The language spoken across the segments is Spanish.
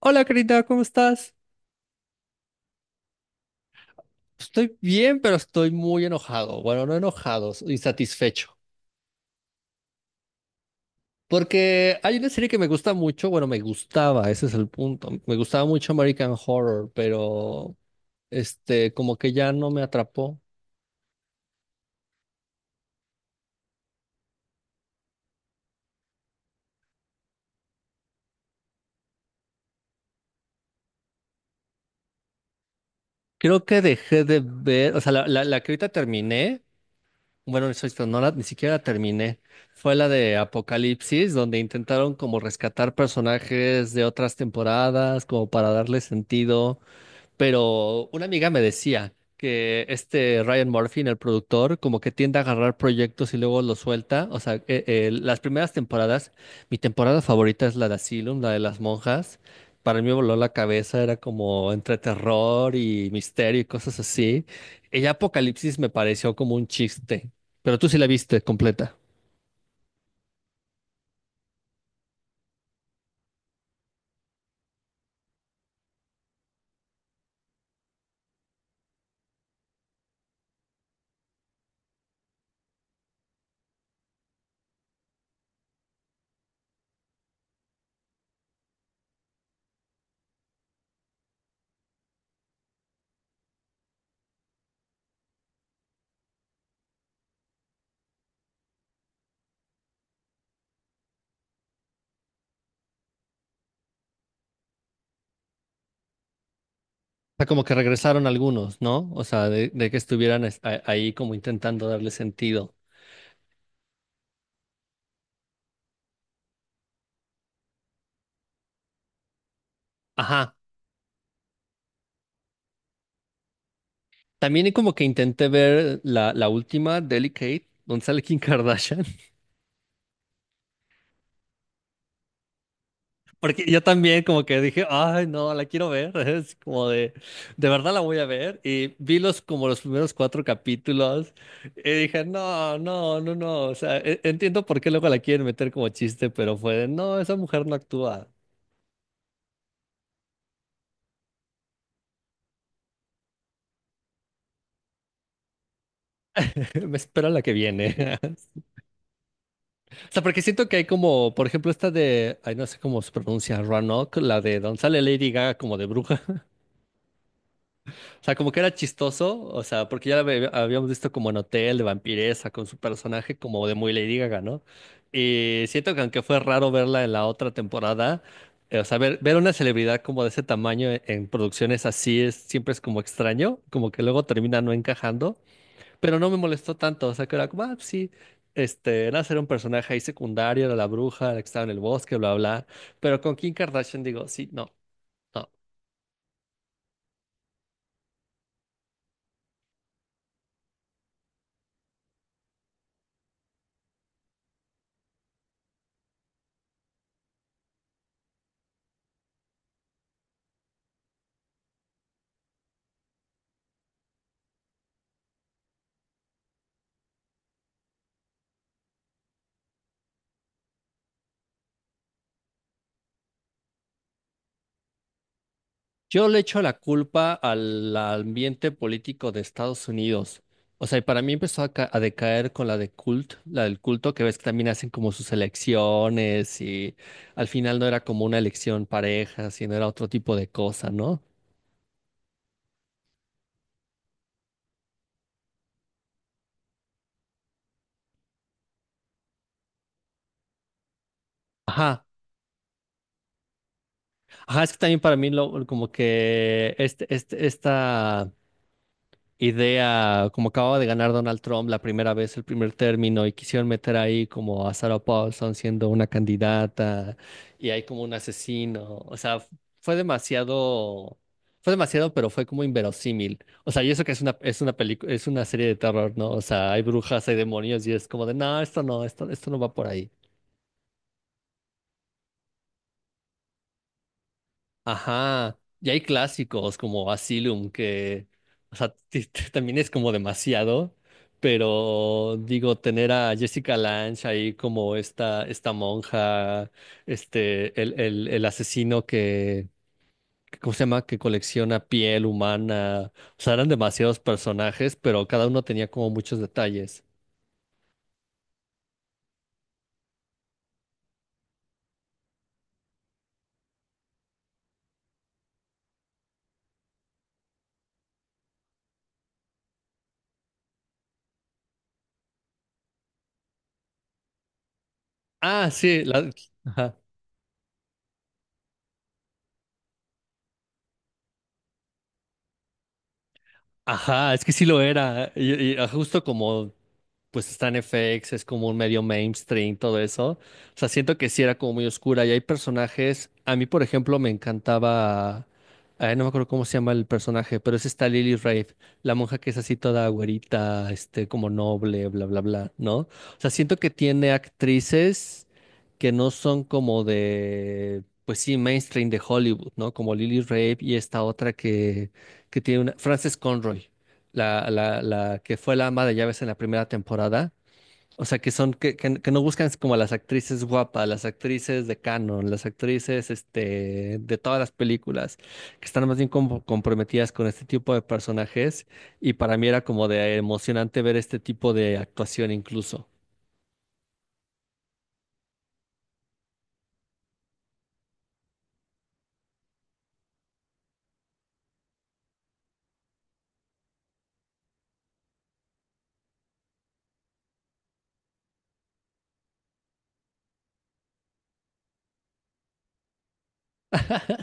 Hola, querida, ¿cómo estás? Estoy bien, pero estoy muy enojado. Bueno, no enojado, insatisfecho. Porque hay una serie que me gusta mucho, bueno, me gustaba, ese es el punto. Me gustaba mucho American Horror, pero como que ya no me atrapó. Creo que dejé de ver, o sea, la que ahorita terminé, bueno, no la, ni siquiera la terminé. Fue la de Apocalipsis, donde intentaron como rescatar personajes de otras temporadas, como para darle sentido. Pero una amiga me decía que este Ryan Murphy, el productor, como que tiende a agarrar proyectos y luego los suelta. O sea, las primeras temporadas, mi temporada favorita es la de Asylum, la de las monjas. Para mí me voló la cabeza, era como entre terror y misterio y cosas así. Y ya Apocalipsis me pareció como un chiste, pero tú sí la viste completa. O sea, como que regresaron algunos, ¿no? O sea, de que estuvieran ahí como intentando darle sentido. Ajá. También como que intenté ver la última, Delicate, donde sale Kim Kardashian, porque yo también como que dije, ay, no, la quiero ver, es como de verdad la voy a ver, y vi los como los primeros 4 capítulos, y dije, no, no, no, no, o sea, entiendo por qué luego la quieren meter como chiste, pero fue de, no, esa mujer no actúa, me espera la que viene. O sea, porque siento que hay como, por ejemplo, esta de, ay, no sé cómo se pronuncia, Roanoke, la de donde sale Lady Gaga como de bruja. O sea, como que era chistoso, o sea, porque ya habíamos visto como en Hotel de vampiresa con su personaje como de muy Lady Gaga, ¿no? Y siento que aunque fue raro verla en la otra temporada, o sea, ver una celebridad como de ese tamaño en producciones así es siempre es como extraño, como que luego termina no encajando, pero no me molestó tanto, o sea, que era como, ah, sí, era ser un personaje ahí secundario, era la bruja, la que estaba en el bosque, bla, bla, pero con Kim Kardashian digo, sí, no. No. Yo le echo la culpa al ambiente político de Estados Unidos. O sea, y para mí empezó a, a decaer con la de cult, la del culto, que ves que también hacen como sus elecciones y al final no era como una elección pareja, sino era otro tipo de cosa, ¿no? Ajá, ajá, es que también para mí lo, como que esta idea, como acababa de ganar Donald Trump la primera vez, el primer término, y quisieron meter ahí como a Sarah Paulson siendo una candidata, y hay como un asesino, o sea, fue demasiado, fue demasiado, pero fue como inverosímil. O sea, y eso que es una película, es una serie de terror, ¿no? O sea, hay brujas, hay demonios, y es como de, no, esto no, esto no va por ahí. Ajá, y hay clásicos como Asylum que, o sea, también es como demasiado, pero digo, tener a Jessica Lange ahí como esta monja, el asesino que ¿cómo se llama? Que colecciona piel humana, o sea, eran demasiados personajes, pero cada uno tenía como muchos detalles. Ah, sí, ajá, ajá, es que sí lo era, ah, justo como pues está en FX, es como un medio mainstream, todo eso. O sea, siento que sí era como muy oscura y hay personajes, a mí por ejemplo me encantaba, ay, no me acuerdo cómo se llama el personaje, pero es esta Lily Rafe, la monja que es así toda güerita, como noble, bla, bla, bla, ¿no? O sea, siento que tiene actrices que no son como de, pues sí, mainstream de Hollywood, ¿no? Como Lily Rafe y esta otra que tiene una, Frances Conroy la que fue la ama de llaves en la primera temporada. O sea, que son, que no buscan como a las actrices guapas, las actrices de canon, las actrices de todas las películas, que están más bien como comprometidas con este tipo de personajes. Y para mí era como de emocionante ver este tipo de actuación incluso.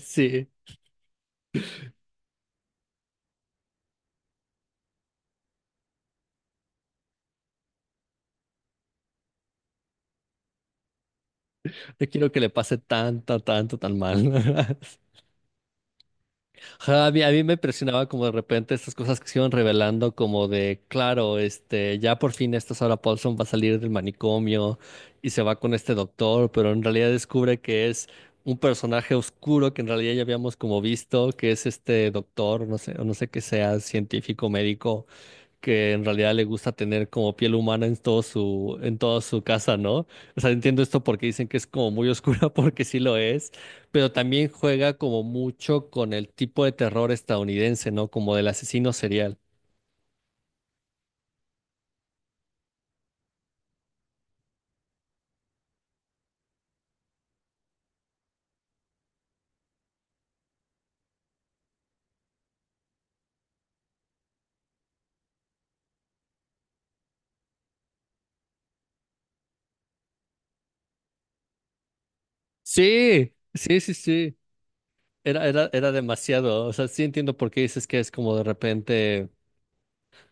Sí, no quiero que le pase tan mal. Ajá, a mí me impresionaba como de repente estas cosas que se iban revelando, como de, claro, ya por fin esta Sarah Paulson va a salir del manicomio y se va con este doctor, pero en realidad descubre que es un personaje oscuro que en realidad ya habíamos como visto, que es este doctor, no sé, o no sé qué sea, científico, médico, que en realidad le gusta tener como piel humana en todo su, en toda su casa, ¿no? O sea, entiendo esto porque dicen que es como muy oscura, porque sí lo es, pero también juega como mucho con el tipo de terror estadounidense, ¿no? Como del asesino serial. Sí. Era demasiado. O sea, sí entiendo por qué dices que es como de repente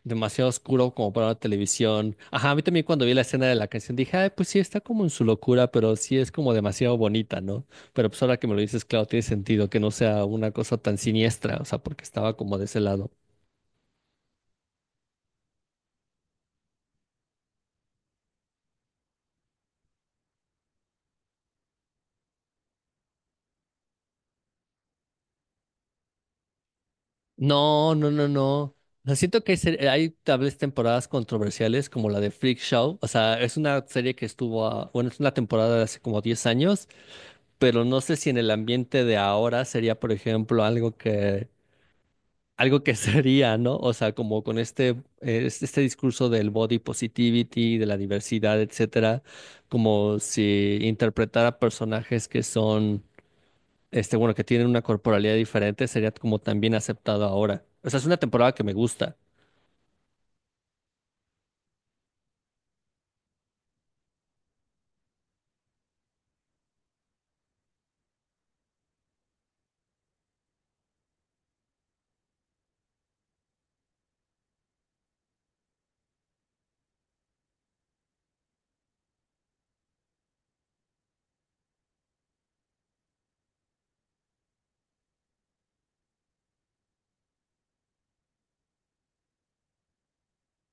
demasiado oscuro como para una televisión. Ajá, a mí también cuando vi la escena de la canción dije, ay, pues sí, está como en su locura, pero sí es como demasiado bonita, ¿no? Pero pues ahora que me lo dices, claro, tiene sentido que no sea una cosa tan siniestra, o sea, porque estaba como de ese lado. No. O sea, siento que hay tal vez temporadas controversiales como la de Freak Show. O sea, es una serie que estuvo, bueno, es una temporada de hace como 10 años, pero no sé si en el ambiente de ahora sería, por ejemplo, algo que sería, ¿no? O sea, como con este discurso del body positivity, de la diversidad, etcétera, como si interpretara personajes que son, bueno, que tienen una corporalidad diferente, sería como también aceptado ahora. O sea, es una temporada que me gusta.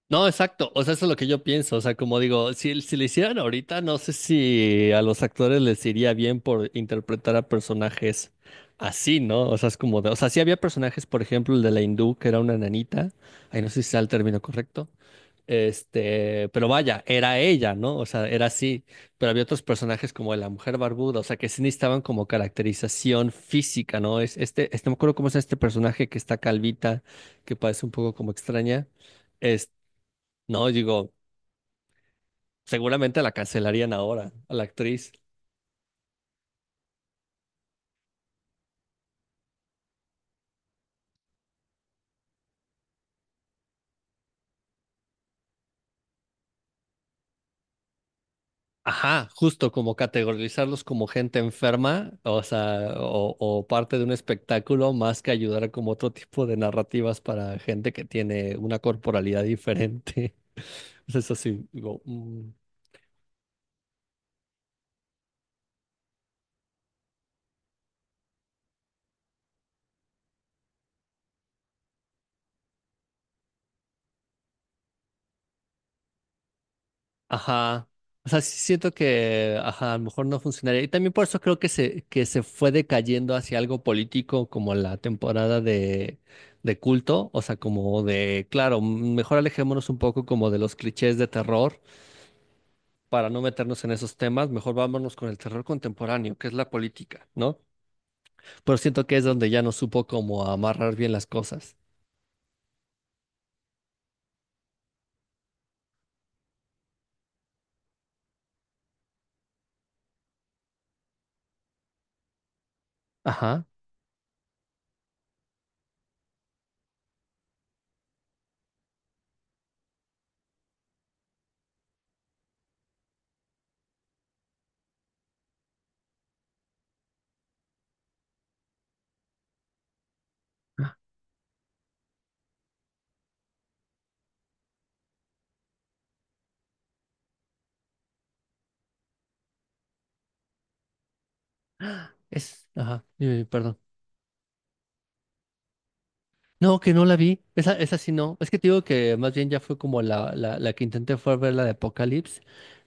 No, exacto. O sea, eso es lo que yo pienso. O sea, como digo, si lo hicieran ahorita, no sé si a los actores les iría bien por interpretar a personajes así, ¿no? O sea, es como de, o sea, sí había personajes, por ejemplo, el de la hindú, que era una nanita. Ahí no sé si sea el término correcto. Este, pero vaya, era ella, ¿no? O sea, era así. Pero había otros personajes como la mujer barbuda, o sea, que sí necesitaban como caracterización física, ¿no? Es no me acuerdo cómo es este personaje que está calvita, que parece un poco como extraña. Este, no, digo, seguramente la cancelarían ahora, a la actriz. Ajá, justo como categorizarlos como gente enferma, o sea, o parte de un espectáculo, más que ayudar a como otro tipo de narrativas para gente que tiene una corporalidad diferente. Entonces, eso sí, digo, mm. Ajá. O sea, sí siento que, ajá, a lo mejor no funcionaría. Y también por eso creo que que se fue decayendo hacia algo político como la temporada de culto. O sea, como de, claro, mm, mejor alejémonos un poco como de los clichés de terror para no meternos en esos temas. Mejor vámonos con el terror contemporáneo, que es la política, ¿no? Pero siento que es donde ya no supo como amarrar bien las cosas. Ajá. Ah, es, ajá, dime, perdón. No, que no la vi. Esa sí no. Es que te digo que más bien ya fue como la que intenté fue ver la de Apocalypse.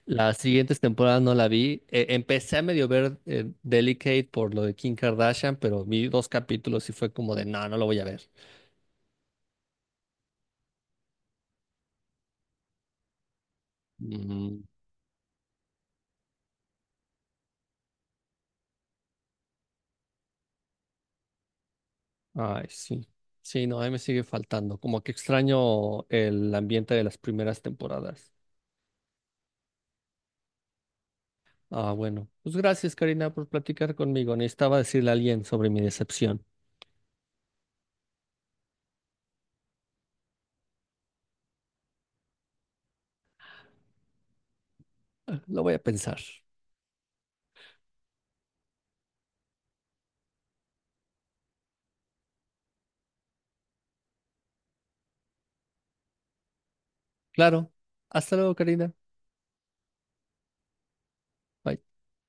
Las siguientes temporadas no la vi. Empecé a medio ver Delicate por lo de Kim Kardashian, pero vi 2 capítulos y fue como de, no, no lo voy a ver. Mm, ay, sí. Sí, no, ahí me sigue faltando. Como que extraño el ambiente de las primeras temporadas. Ah, bueno. Pues gracias, Karina, por platicar conmigo. Necesitaba decirle a alguien sobre mi decepción. Ah, lo voy a pensar. Claro. Hasta luego, Karina. Bye.